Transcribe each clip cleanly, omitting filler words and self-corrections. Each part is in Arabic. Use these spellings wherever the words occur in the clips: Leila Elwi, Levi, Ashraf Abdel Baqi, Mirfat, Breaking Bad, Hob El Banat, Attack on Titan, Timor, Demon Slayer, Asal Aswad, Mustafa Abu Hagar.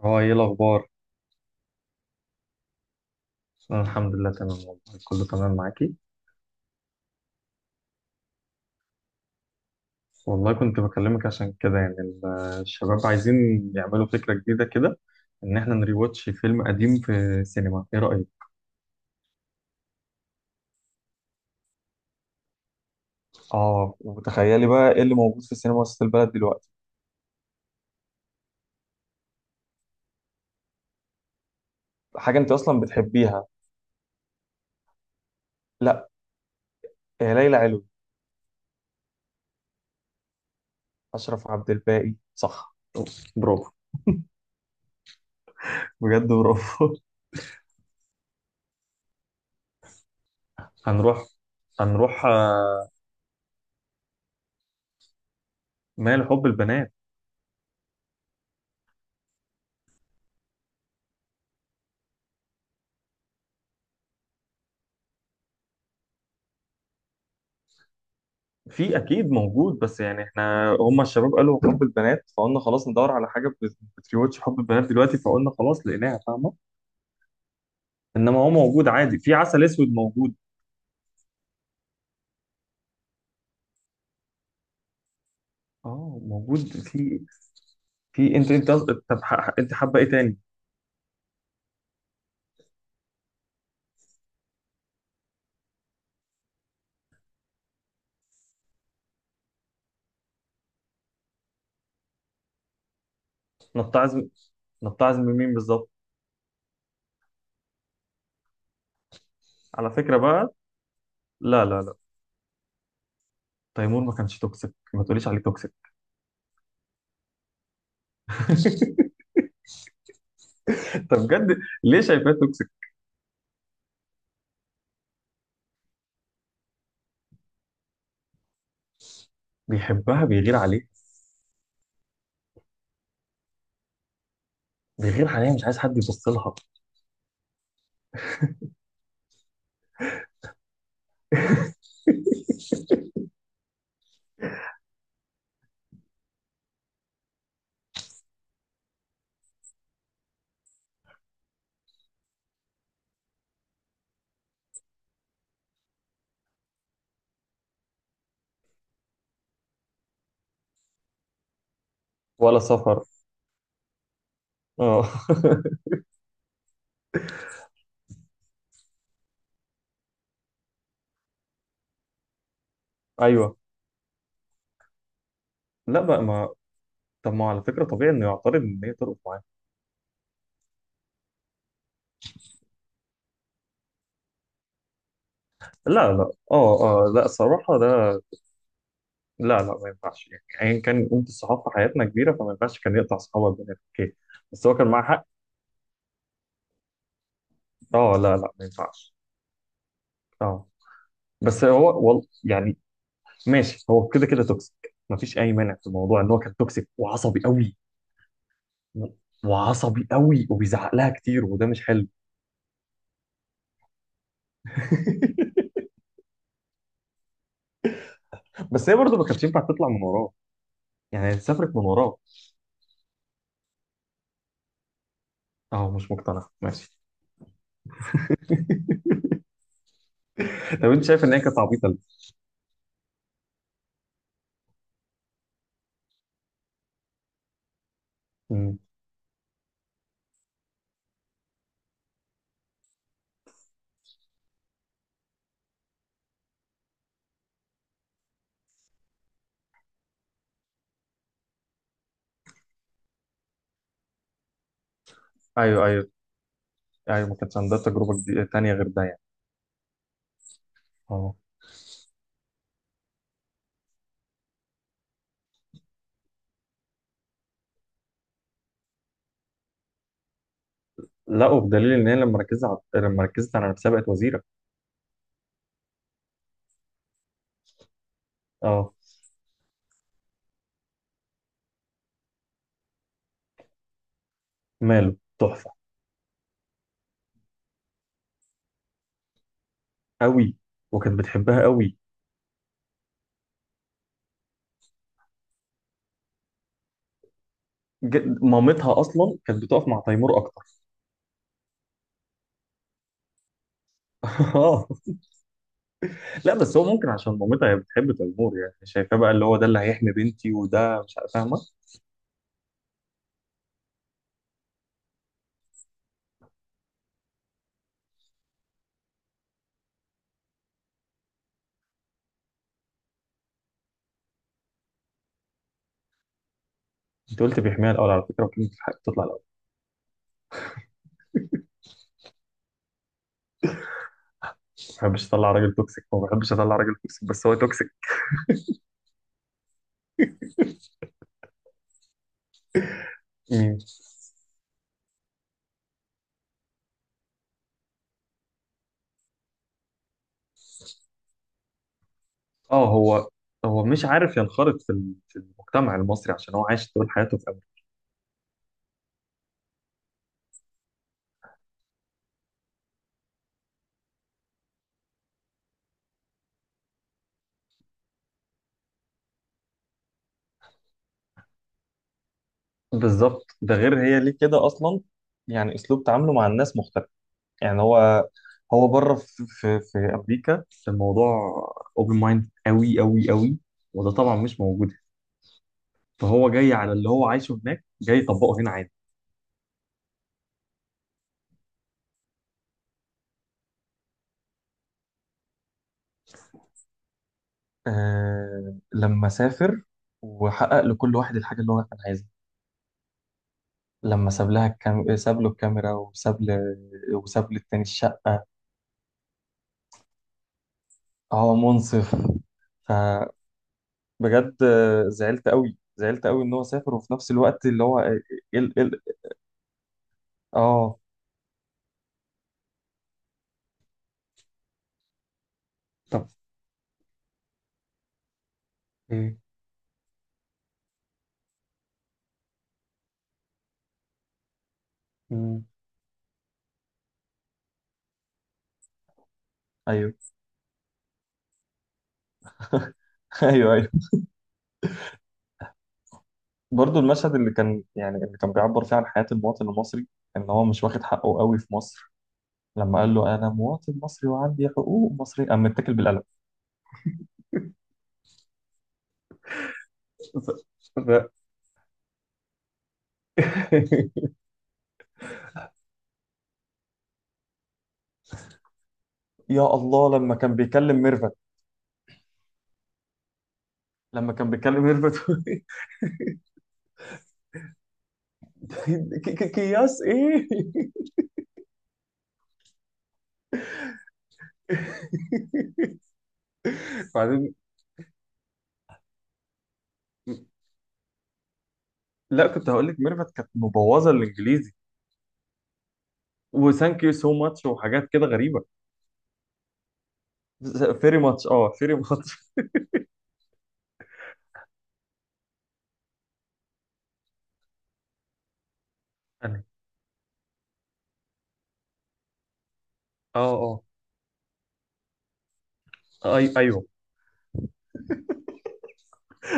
هو ايه الاخبار؟ انا الحمد لله تمام والله. كله تمام معاكي؟ والله كنت بكلمك عشان كده يعني الشباب عايزين يعملوا فكره جديده كده، ان احنا نريواتش فيلم قديم في السينما، ايه رايك؟ اه وتخيلي بقى ايه اللي موجود في السينما وسط البلد دلوقتي. حاجه انت اصلا بتحبيها. لا، يا ليلى علوي. اشرف عبد الباقي صح. برافو، بجد برافو. هنروح، هنروح آه، ما لحب البنات. في اكيد موجود، بس يعني احنا هم الشباب قالوا حب البنات فقلنا خلاص ندور على حاجه بتريوتش حب البنات دلوقتي، فقلنا خلاص لقيناها، فاهمه. انما هو موجود عادي، في عسل اسود موجود. اه موجود في. في، انت طب انت حابه ايه تاني؟ نتعظ، نتعظ من مين بالظبط؟ على فكره بقى، لا لا لا، تيمور ما كانش توكسيك، ما تقوليش عليه توكسيك. طب بجد، ليه شايفاه توكسيك؟ بيحبها بيغير عليه. بيغير عليها مش عايز حد يبص لها. ولا سفر. اه. ايوه، لا بقى ما. طب ما على فكرة طبيعي انه يعترض ان هي ترقص معاه. لا لا اه، اه لا الصراحة ده. لا لا ما ينفعش، يعني ايا كان قيمة الصحاب في حياتنا كبيرة فما ينفعش كان يقطع صحابه البنات، اوكي بس هو كان معاه حق. اه لا لا ما ينفعش. اه بس هو يعني ماشي، هو كده كده توكسيك، ما فيش اي مانع في الموضوع ان هو كان توكسيك وعصبي قوي. و- وعصبي قوي وبيزعق لها كتير وده مش حلو. بس هي برضه ما كانتش ينفع تطلع من وراه، يعني سافرت من وراه. اه مش مقتنع ماشي. طب انت شايف ان هي كانت عبيطة ليه؟ ايوه ايوه، ايوه ما كانتش عندها تجربه جديدة تانية غير ده يعني. اه. لا وبدليل ان هي لما ركزت على نفسها بقت وزيره. اه ماله تحفه، قوي. وكانت بتحبها قوي. مامتها اصلا كانت بتقف مع تيمور اكتر. اه لا بس هو ممكن عشان مامتها هي بتحب تيمور، يعني شايفاه بقى اللي هو ده اللي هيحمي بنتي، وده مش عارف- فاهمه. انت قلت بيحميها الاول على فكره، وكلمه الحق تطلع الاول. ما بحبش اطلع راجل توكسيك، ما بحبش اطلع راجل توكسيك، بس هو توكسيك. اه هو، هو مش عارف ينخرط في في المجتمع المصري عشان هو عايش طول حياته في امريكا. بالظبط، ده غير هي ليه كده اصلا. يعني اسلوب تعامله مع الناس مختلف. يعني هو، هو بره في امريكا الموضوع اوبن مايند قوي قوي قوي، وده طبعا مش موجود، فهو جاي على اللي هو عايشه هناك جاي يطبقه هنا عادي. آه لما سافر وحقق لكل واحد الحاجة اللي هو كان عايزها. لما ساب له الكاميرا وساب للتاني الشقة. هو منصف. فبجد زعلت قوي، زعلت قوي ان هو سافر وفي نفس الوقت اللي هو. ال ال اه طب ايه؟ مم. ايوه. ايوه، ايوه. برضه المشهد اللي كان يعني اللي كان بيعبر فيه عن حياة المواطن المصري، ان هو مش واخد حقه قوي في مصر. لما قال له انا مواطن مصري وعندي حقوق مصرية قام متكل بالقلم. ف- ف- يا الله، لما كان بيكلم ميرفت، لما كان بيكلم ميرفت. كياس ايه. بعدين، لا كنت هقول لك ميرفت كانت مبوظه الانجليزي، وثانك يو سو ماتش وحاجات كده غريبه. فيري ماتش، اه فيري ماتش. أنا، اه اه ايوه.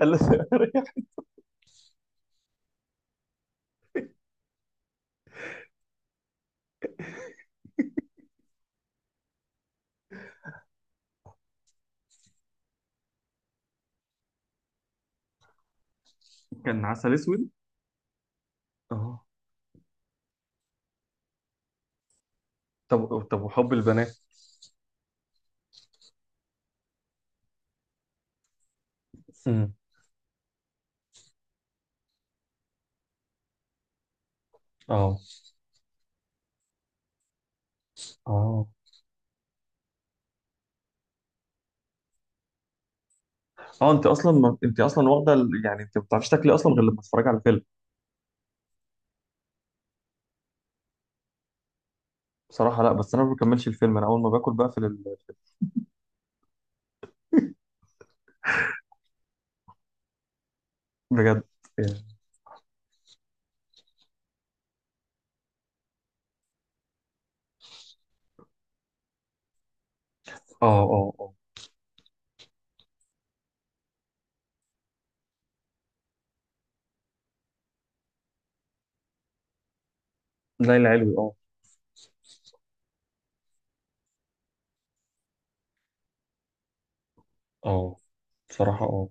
قال له- كان عسل اسود. اه طب، طب وحب البنات. امم. اه اه اه انت اصلا ما... انت اصلا واخده يعني انت ما بتعرفيش تاكلي اصلا غير لما تتفرجي على الفيلم. بصراحه لا، بس انا ما بكملش الفيلم، انا اول ما باكل بقفل ال... بجد يعني. اه اه اه ليلى علوي اه. اه بصراحة اه،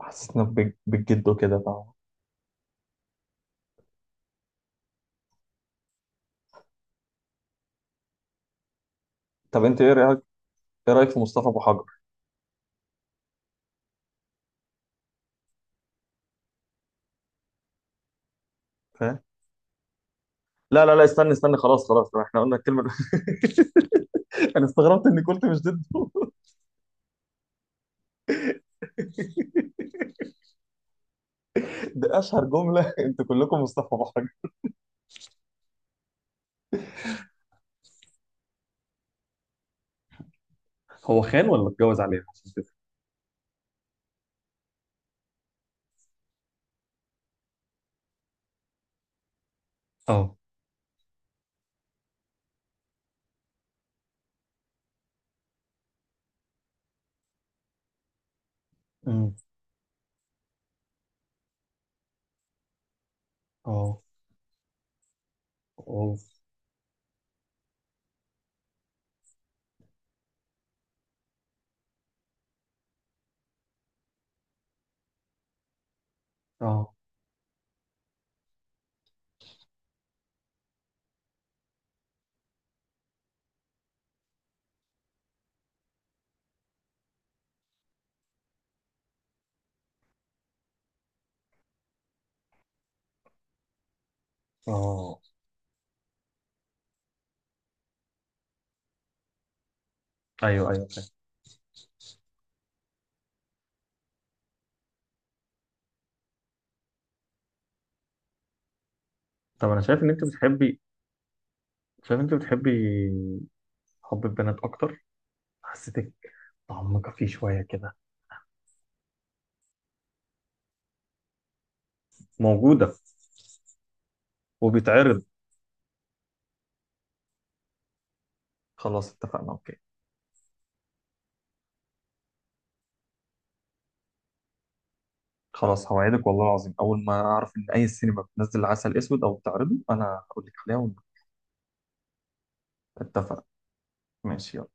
بالجد وكده. طب انت ايه رايك؟ ايه رايك في مصطفى ابو حجر؟ فاهم، لا لا لا استنى، استنى خلاص خلاص، احنا قلنا الكلمه دي. انا استغربت اني قلت مش ضده. ده اشهر جمله، انتوا كلكم مصطفى ابو حجر. هو خان ولا اتجوز عليها عشان كده؟ اه. أمم. اه اه اه اه. ايوه ايوه فاهم. طب انا شايف ان انت بتحبي، شايف ان انت بتحبي حب البنات اكتر. حسيتك تعمقة فيه شويه كده. موجوده، وبيتعرض. خلاص اتفقنا، اوكي. خلاص هوعدك والله العظيم، اول ما اعرف ان اي سينما بتنزل عسل اسود او بتعرضه انا هقول لك عليها. ونتفق. ماشي يلا.